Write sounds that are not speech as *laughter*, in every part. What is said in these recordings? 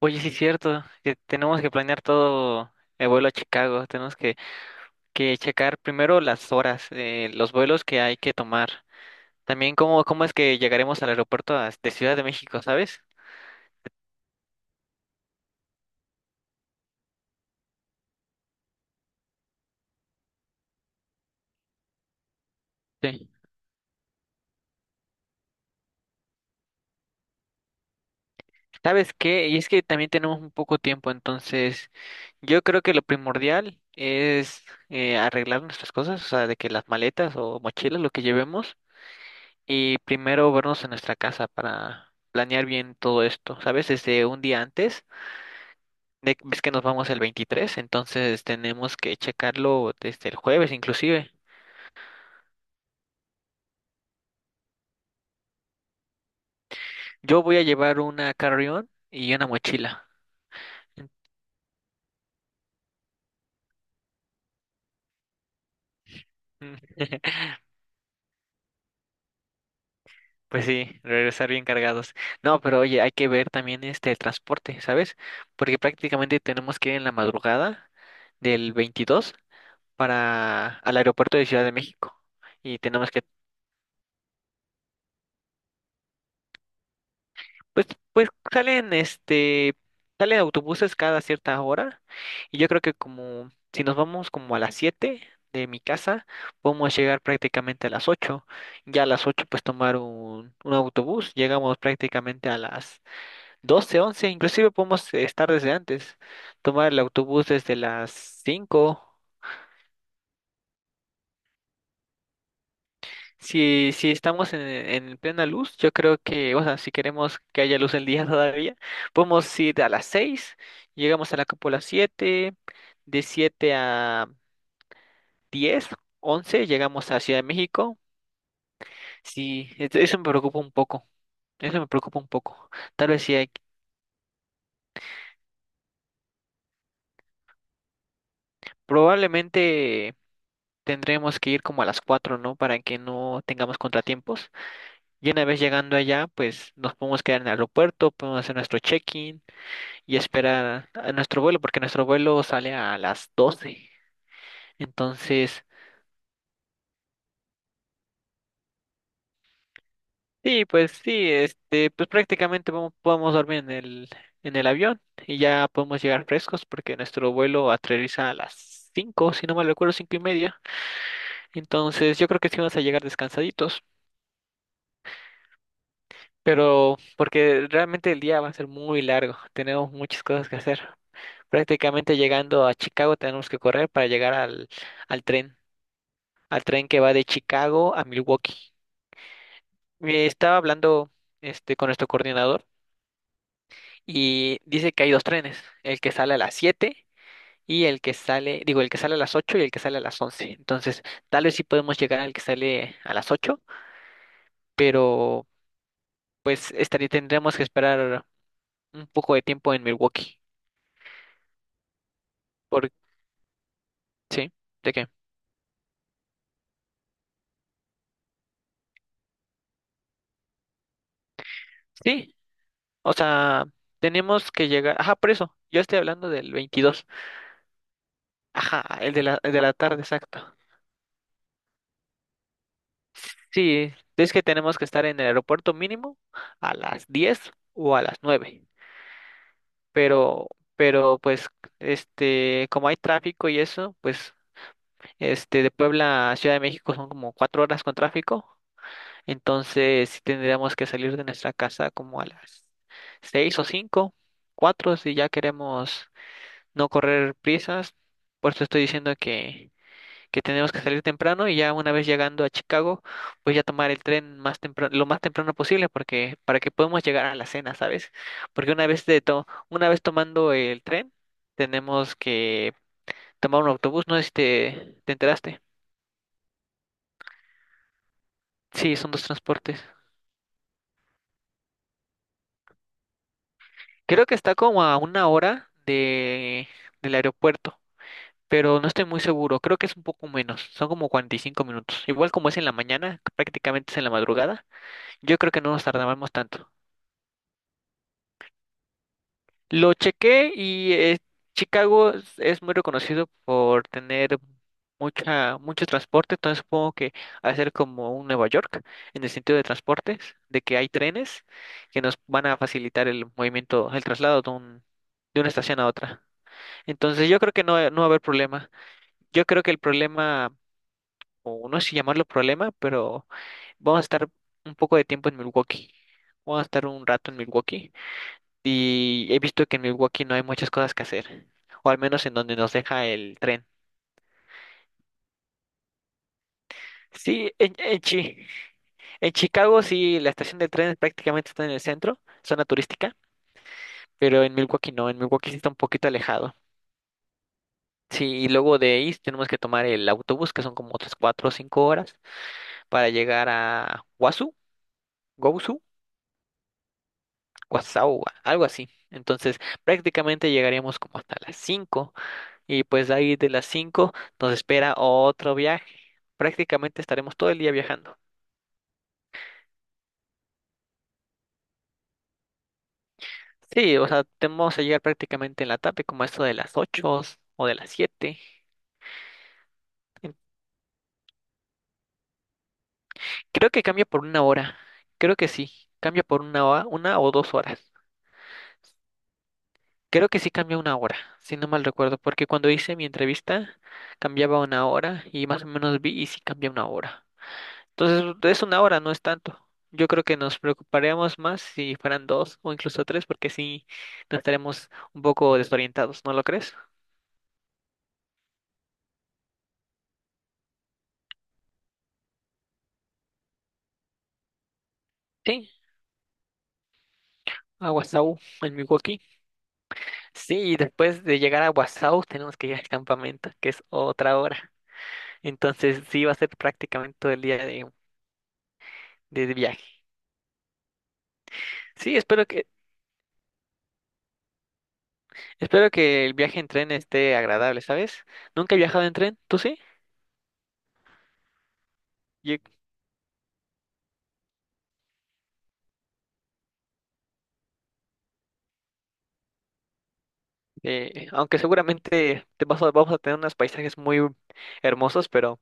Oye, sí es cierto, que tenemos que planear todo el vuelo a Chicago, tenemos que checar primero las horas, los vuelos que hay que tomar, también cómo es que llegaremos al aeropuerto de Ciudad de México, ¿sabes? Sí. ¿Sabes qué? Y es que también tenemos un poco tiempo, entonces yo creo que lo primordial es arreglar nuestras cosas, o sea, de que las maletas o mochilas, lo que llevemos, y primero vernos en nuestra casa para planear bien todo esto, ¿sabes? Desde un día antes. Es que nos vamos el 23, entonces tenemos que checarlo desde el jueves inclusive. Yo voy a llevar una carrión y una mochila. *laughs* Pues sí, regresar bien cargados. No, pero oye, hay que ver también el transporte, ¿sabes? Porque prácticamente tenemos que ir en la madrugada del 22 para al aeropuerto de Ciudad de México y tenemos que. Pues, pues salen autobuses cada cierta hora y yo creo que como si nos vamos como a las 7 de mi casa, podemos llegar prácticamente a las 8. Ya a las 8 pues tomar un autobús, llegamos prácticamente a las 12 11. Inclusive podemos estar desde antes, tomar el autobús desde las 5. Si estamos en plena luz, yo creo que, o sea, si queremos que haya luz el día *laughs* todavía, podemos ir a las 6 llegamos a la cúpula 7 de 7 a 10 11 llegamos a Ciudad de México. Sí, eso me preocupa un poco, eso me preocupa un poco. Tal vez sí hay, probablemente tendremos que ir como a las cuatro, ¿no? Para que no tengamos contratiempos. Y una vez llegando allá, pues nos podemos quedar en el aeropuerto, podemos hacer nuestro check-in y esperar a nuestro vuelo, porque nuestro vuelo sale a las doce. Entonces, sí, pues sí, pues prácticamente podemos dormir en el avión y ya podemos llegar frescos porque nuestro vuelo aterriza a las 5 si no mal recuerdo, cinco y media. Entonces, yo creo que sí vamos a llegar descansaditos, pero porque realmente el día va a ser muy largo, tenemos muchas cosas que hacer. Prácticamente llegando a Chicago tenemos que correr para llegar al tren, al tren que va de Chicago a Milwaukee. Estaba hablando con nuestro coordinador y dice que hay dos trenes, el que sale a las 7 y el que sale, digo, el que sale a las 8 y el que sale a las 11. Entonces, tal vez sí podemos llegar al que sale a las 8, pero pues estaría, tendríamos que esperar un poco de tiempo en Milwaukee. Por, ¿Sí? ¿De qué? Sí, o sea, tenemos que llegar, ajá, por eso, yo estoy hablando del 22. Ajá, el de la tarde, exacto. Sí, es que tenemos que estar en el aeropuerto mínimo a las 10 o a las 9. pero, pero pues, como hay tráfico y eso, pues, de Puebla a Ciudad de México son como cuatro horas con tráfico, entonces sí tendríamos que salir de nuestra casa como a las 6 o 5, 4 si ya queremos no correr prisas, por eso estoy diciendo que tenemos que salir temprano y ya una vez llegando a Chicago, pues ya tomar el tren más temprano, lo más temprano posible porque para que podamos llegar a la cena, ¿sabes? Porque una vez una vez tomando el tren, tenemos que tomar un autobús, no sé si te enteraste. Sí, son dos transportes. Creo que está como a una hora de del aeropuerto, pero no estoy muy seguro, creo que es un poco menos, son como 45 minutos. Igual como es en la mañana, prácticamente es en la madrugada, yo creo que no nos tardamos tanto. Lo chequé y Chicago es muy reconocido por tener mucha, mucho transporte, entonces supongo que hacer como un Nueva York en el sentido de transportes, de que hay trenes que nos van a facilitar el movimiento, el traslado de un, de una estación a otra. Entonces yo creo que no, no va a haber problema. Yo creo que el problema, o no sé si llamarlo problema, pero vamos a estar un poco de tiempo en Milwaukee. Vamos a estar un rato en Milwaukee. Y he visto que en Milwaukee no hay muchas cosas que hacer, o al menos en donde nos deja el tren. Sí, en Chicago sí, la estación de tren prácticamente está en el centro, zona turística, pero en Milwaukee no, en Milwaukee sí está un poquito alejado. Sí, y luego de ahí tenemos que tomar el autobús, que son como otras cuatro o cinco horas, para llegar a Wasu, Gosu, Guasau, algo así. Entonces, prácticamente llegaríamos como hasta las cinco. Y pues de ahí de las 5 nos espera otro viaje. Prácticamente estaremos todo el día viajando. Sí, o sea, tenemos que llegar prácticamente en la tarde, como esto de las 8 o de las siete. En- Creo que cambia por una hora. Creo que sí. Cambia por una hora, una o dos horas. Creo que sí cambia una hora, si no mal recuerdo, porque cuando hice mi entrevista cambiaba una hora y más o menos vi y sí cambia una hora. Entonces, es una hora, no es tanto. Yo creo que nos preocuparíamos más si fueran dos o incluso tres, porque sí nos estaremos un poco desorientados, ¿no lo crees? Sí, a Guasau, en Milwaukee. Sí, y después de llegar a Guasau tenemos que ir al campamento, que es otra hora. Entonces, sí va a ser prácticamente todo el día de viaje. Sí, espero que el viaje en tren esté agradable, ¿sabes? Nunca he viajado en tren, ¿tú sí? Yo. Aunque seguramente vamos a tener unos paisajes muy hermosos, pero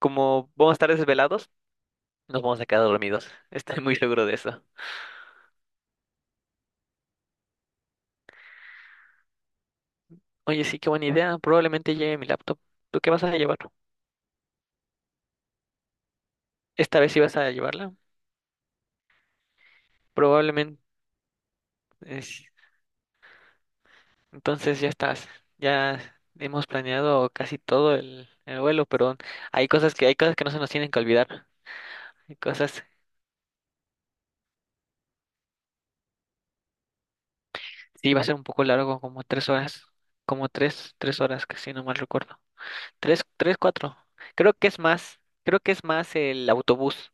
como vamos a estar desvelados, nos vamos a quedar dormidos. *laughs* Estoy muy seguro de eso. Oye, sí, qué buena idea. Probablemente lleve mi laptop. ¿Tú qué vas a llevar? Esta vez sí vas a llevarla. Probablemente. es- Entonces ya estás. Ya hemos planeado casi todo el vuelo, pero hay cosas que no se nos tienen que olvidar. Hay cosas. Sí, va a ser un poco largo, como tres horas. Como tres horas, casi no mal recuerdo. Tres, tres, cuatro. Creo que es más. Creo que es más el autobús.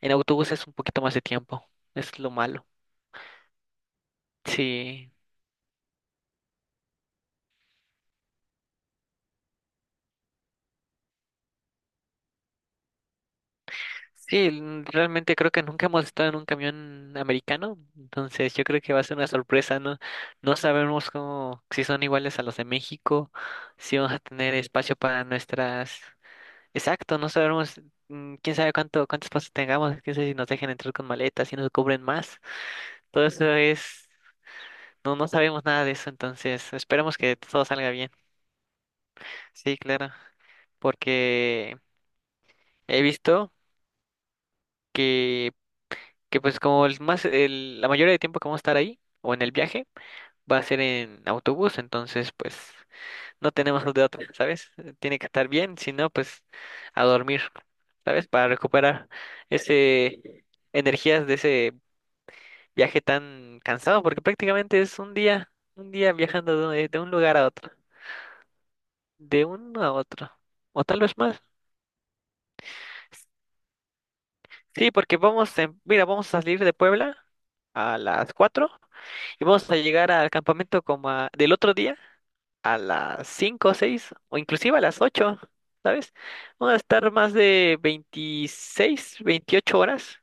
En autobús es un poquito más de tiempo. Es lo malo. Sí. Sí, realmente creo que nunca hemos estado en un camión americano. Entonces yo creo que va a ser una sorpresa, ¿no? No sabemos cómo, si son iguales a los de México, si vamos a tener espacio para nuestras. Exacto, no sabemos, quién sabe cuánto, cuántos pasos tengamos, quién sabe si nos dejan entrar con maletas, si nos cubren más. Todo eso es. No, no sabemos nada de eso, entonces esperemos que todo salga bien. Sí, claro, porque he visto que, que pues como la mayoría de tiempo que vamos a estar ahí o en el viaje va a ser en autobús, entonces pues no tenemos de otra, ¿sabes? Tiene que estar bien, si no, pues a dormir, ¿sabes? Para recuperar ese energías de ese viaje tan cansado, porque prácticamente es un día viajando de un lugar a otro, de uno a otro. O tal vez más. Sí, porque vamos, mira, vamos a salir de Puebla a las 4 y vamos a llegar al campamento como del otro día a las 5, o 6 o inclusive a las 8, ¿sabes? Vamos a estar más de 26, 28 horas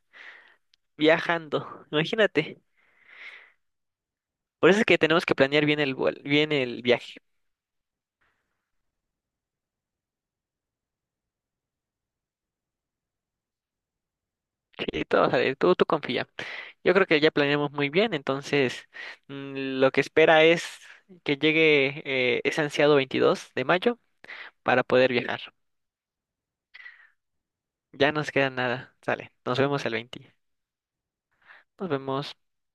viajando, imagínate. Por eso es que tenemos que planear bien bien el viaje. Sí, todo va a salir, tú confía. Yo creo que ya planeamos muy bien, entonces lo que espera es que llegue ese ansiado 22 de mayo para poder viajar. Ya nos queda nada. Sale. Nos vemos el 20. Nos vemos.